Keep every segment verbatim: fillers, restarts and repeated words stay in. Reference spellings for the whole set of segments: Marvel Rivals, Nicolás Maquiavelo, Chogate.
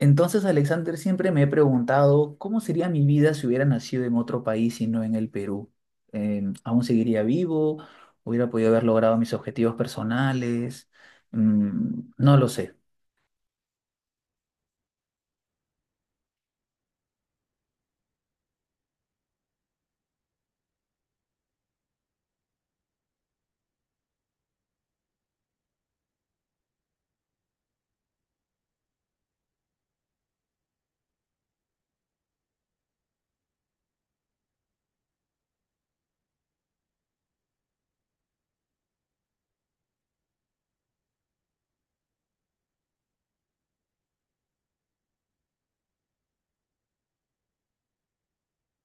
Entonces, Alexander, siempre me he preguntado cómo sería mi vida si hubiera nacido en otro país y no en el Perú. Em, ¿aún seguiría vivo? ¿Hubiera podido haber logrado mis objetivos personales? Mm, no lo sé.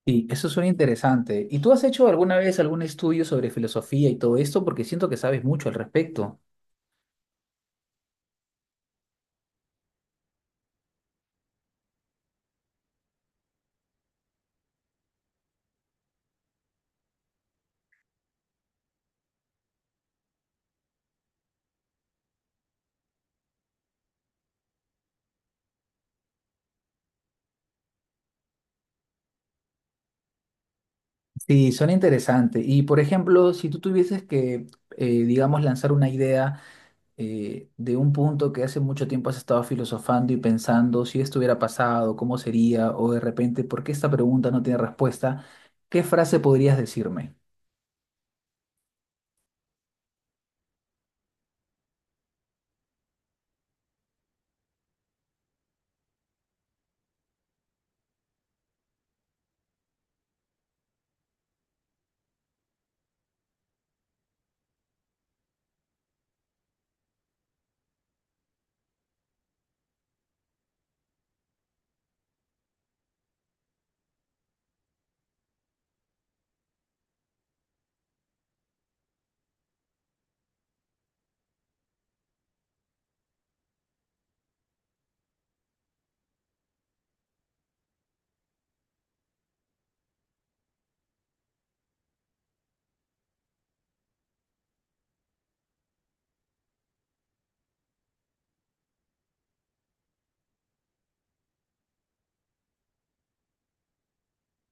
Y eso suena interesante. ¿Y tú has hecho alguna vez algún estudio sobre filosofía y todo esto? Porque siento que sabes mucho al respecto. Sí, suena interesante. Y por ejemplo, si tú tuvieses que, eh, digamos, lanzar una idea eh, de un punto que hace mucho tiempo has estado filosofando y pensando si esto hubiera pasado, cómo sería, o de repente, ¿por qué esta pregunta no tiene respuesta? ¿Qué frase podrías decirme?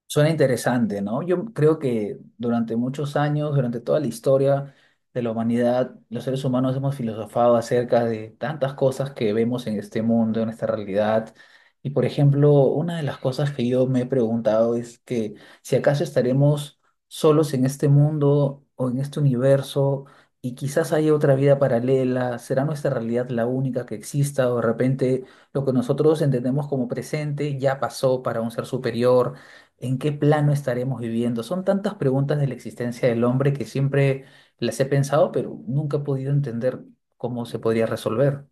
Suena interesante, ¿no? Yo creo que durante muchos años, durante toda la historia de la humanidad, los seres humanos hemos filosofado acerca de tantas cosas que vemos en este mundo, en esta realidad. Y por ejemplo, una de las cosas que yo me he preguntado es que si acaso estaremos solos en este mundo o en este universo y quizás haya otra vida paralela, ¿será nuestra realidad la única que exista o de repente lo que nosotros entendemos como presente ya pasó para un ser superior? ¿En qué plano estaremos viviendo? Son tantas preguntas de la existencia del hombre que siempre las he pensado, pero nunca he podido entender cómo se podría resolver.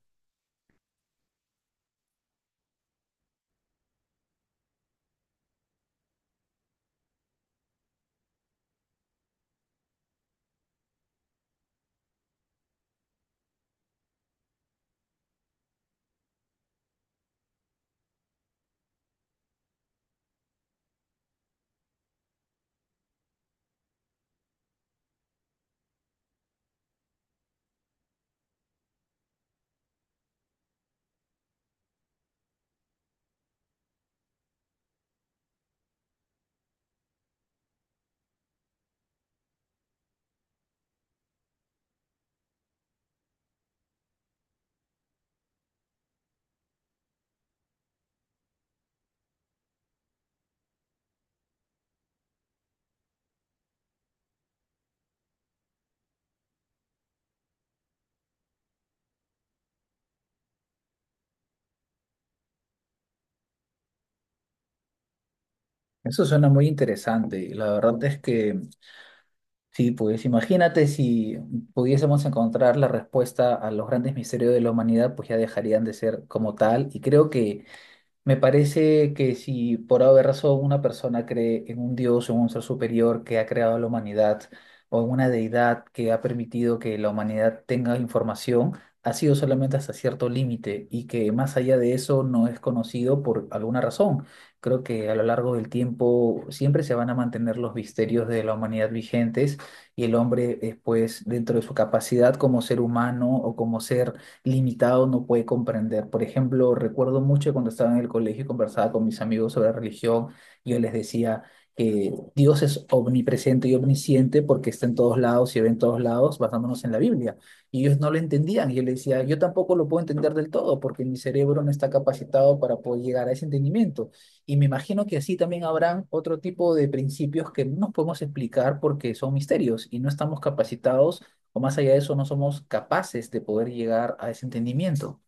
Eso suena muy interesante. La verdad es que sí, pues imagínate si pudiésemos encontrar la respuesta a los grandes misterios de la humanidad, pues ya dejarían de ser como tal. Y creo que me parece que si por alguna razón una persona cree en un Dios o en un ser superior que ha creado a la humanidad o en una deidad que ha permitido que la humanidad tenga información, ha sido solamente hasta cierto límite y que más allá de eso no es conocido por alguna razón. Creo que a lo largo del tiempo siempre se van a mantener los misterios de la humanidad vigentes y el hombre después, dentro de su capacidad como ser humano o como ser limitado no puede comprender. Por ejemplo, recuerdo mucho cuando estaba en el colegio y conversaba con mis amigos sobre religión, yo les decía que Dios es omnipresente y omnisciente porque está en todos lados y ve en todos lados basándonos en la Biblia. Y ellos no lo entendían. Y yo les decía, yo tampoco lo puedo entender del todo porque mi cerebro no está capacitado para poder llegar a ese entendimiento. Y me imagino que así también habrán otro tipo de principios que no nos podemos explicar porque son misterios y no estamos capacitados o más allá de eso no somos capaces de poder llegar a ese entendimiento.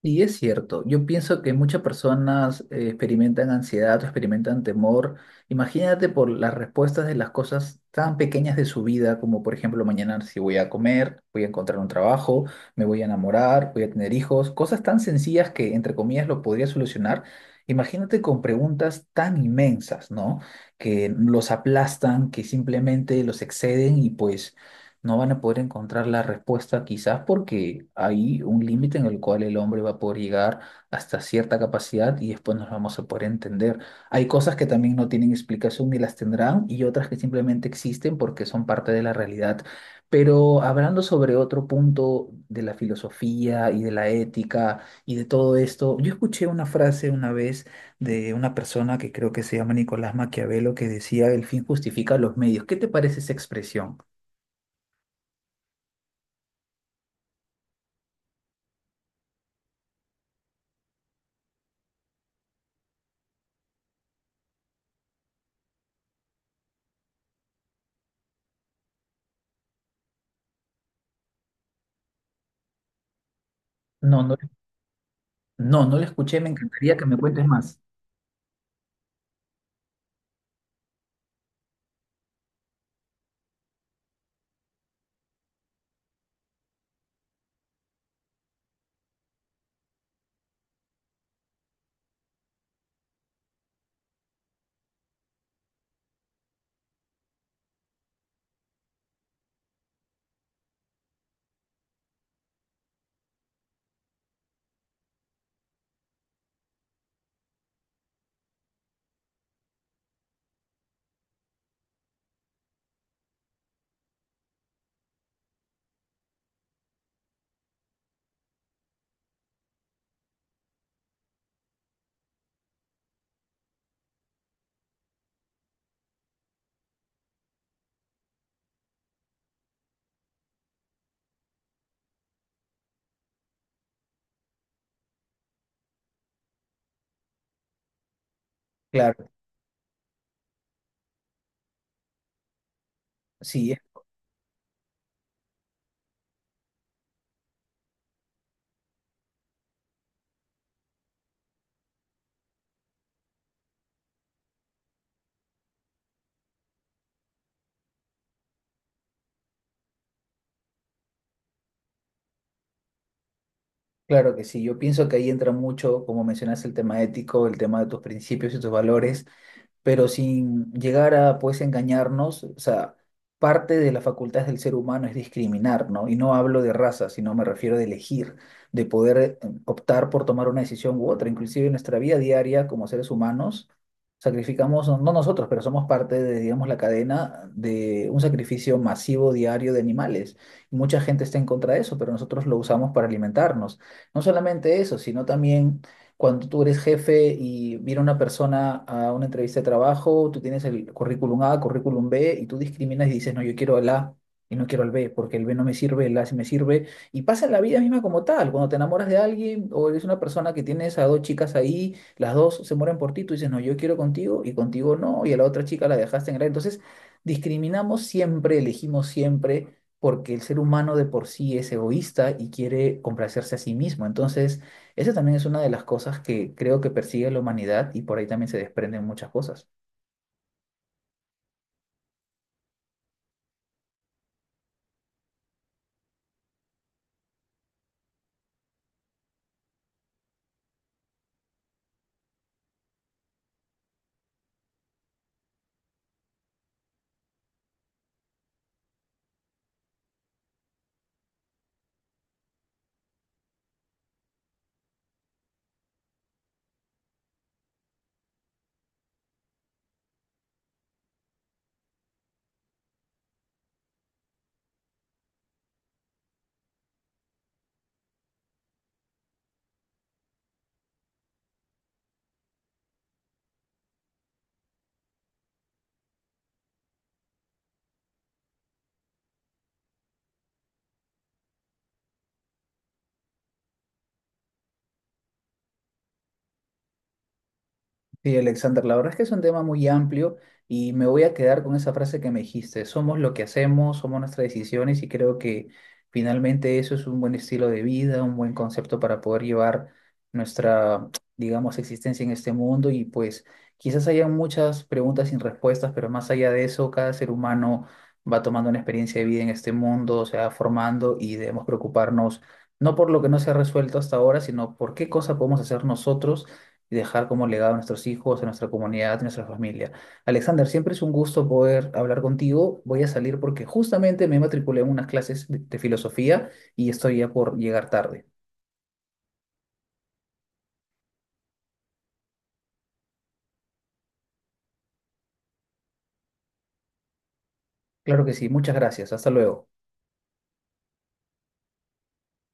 Y es cierto, yo pienso que muchas personas eh, experimentan ansiedad o experimentan temor. Imagínate por las respuestas de las cosas tan pequeñas de su vida, como por ejemplo mañana si voy a comer, voy a encontrar un trabajo, me voy a enamorar, voy a tener hijos, cosas tan sencillas que entre comillas lo podría solucionar. Imagínate con preguntas tan inmensas, ¿no? Que los aplastan, que simplemente los exceden y pues no van a poder encontrar la respuesta quizás porque hay un límite en el cual el hombre va a poder llegar hasta cierta capacidad y después nos vamos a poder entender. Hay cosas que también no tienen explicación ni las tendrán y otras que simplemente existen porque son parte de la realidad. Pero hablando sobre otro punto de la filosofía y de la ética y de todo esto, yo escuché una frase una vez de una persona que creo que se llama Nicolás Maquiavelo que decía el fin justifica los medios. ¿Qué te parece esa expresión? No, no. No, no la escuché, me encantaría que me cuentes más. Claro, sí, es- claro que sí. Yo pienso que ahí entra mucho, como mencionaste, el tema ético, el tema de tus principios y tus valores, pero sin llegar a pues engañarnos, o sea, parte de las facultades del ser humano es discriminar, ¿no? Y no hablo de raza, sino me refiero de elegir, de poder eh, optar por tomar una decisión u otra, inclusive en nuestra vida diaria como seres humanos. Sacrificamos, no, no nosotros, pero somos parte de, digamos, la cadena de un sacrificio masivo diario de animales. Mucha gente está en contra de eso, pero nosotros lo usamos para alimentarnos. No solamente eso, sino también cuando tú eres jefe y viene una persona a una entrevista de trabajo, tú tienes el currículum A, currículum B, y tú discriminas y dices, no, yo quiero el A y no quiero el B, porque el B no me sirve, el A sí me sirve. Y pasa en la vida misma como tal. Cuando te enamoras de alguien o eres una persona que tienes a dos chicas ahí, las dos se mueren por ti, tú dices, no, yo quiero contigo y contigo no, y a la otra chica la dejaste en el A. Entonces, discriminamos siempre, elegimos siempre, porque el ser humano de por sí es egoísta y quiere complacerse a sí mismo. Entonces, esa también es una de las cosas que creo que persigue la humanidad y por ahí también se desprenden muchas cosas. Sí, Alexander, la verdad es que es un tema muy amplio y me voy a quedar con esa frase que me dijiste, somos lo que hacemos, somos nuestras decisiones y creo que finalmente eso es un buen estilo de vida, un buen concepto para poder llevar nuestra, digamos, existencia en este mundo y pues quizás haya muchas preguntas sin respuestas, pero más allá de eso, cada ser humano va tomando una experiencia de vida en este mundo, se va formando y debemos preocuparnos no por lo que no se ha resuelto hasta ahora, sino por qué cosa podemos hacer nosotros y dejar como legado a nuestros hijos, a nuestra comunidad, a nuestra familia. Alexander, siempre es un gusto poder hablar contigo. Voy a salir porque justamente me matriculé en unas clases de de filosofía y estoy ya por llegar tarde. Claro que sí, muchas gracias. Hasta luego.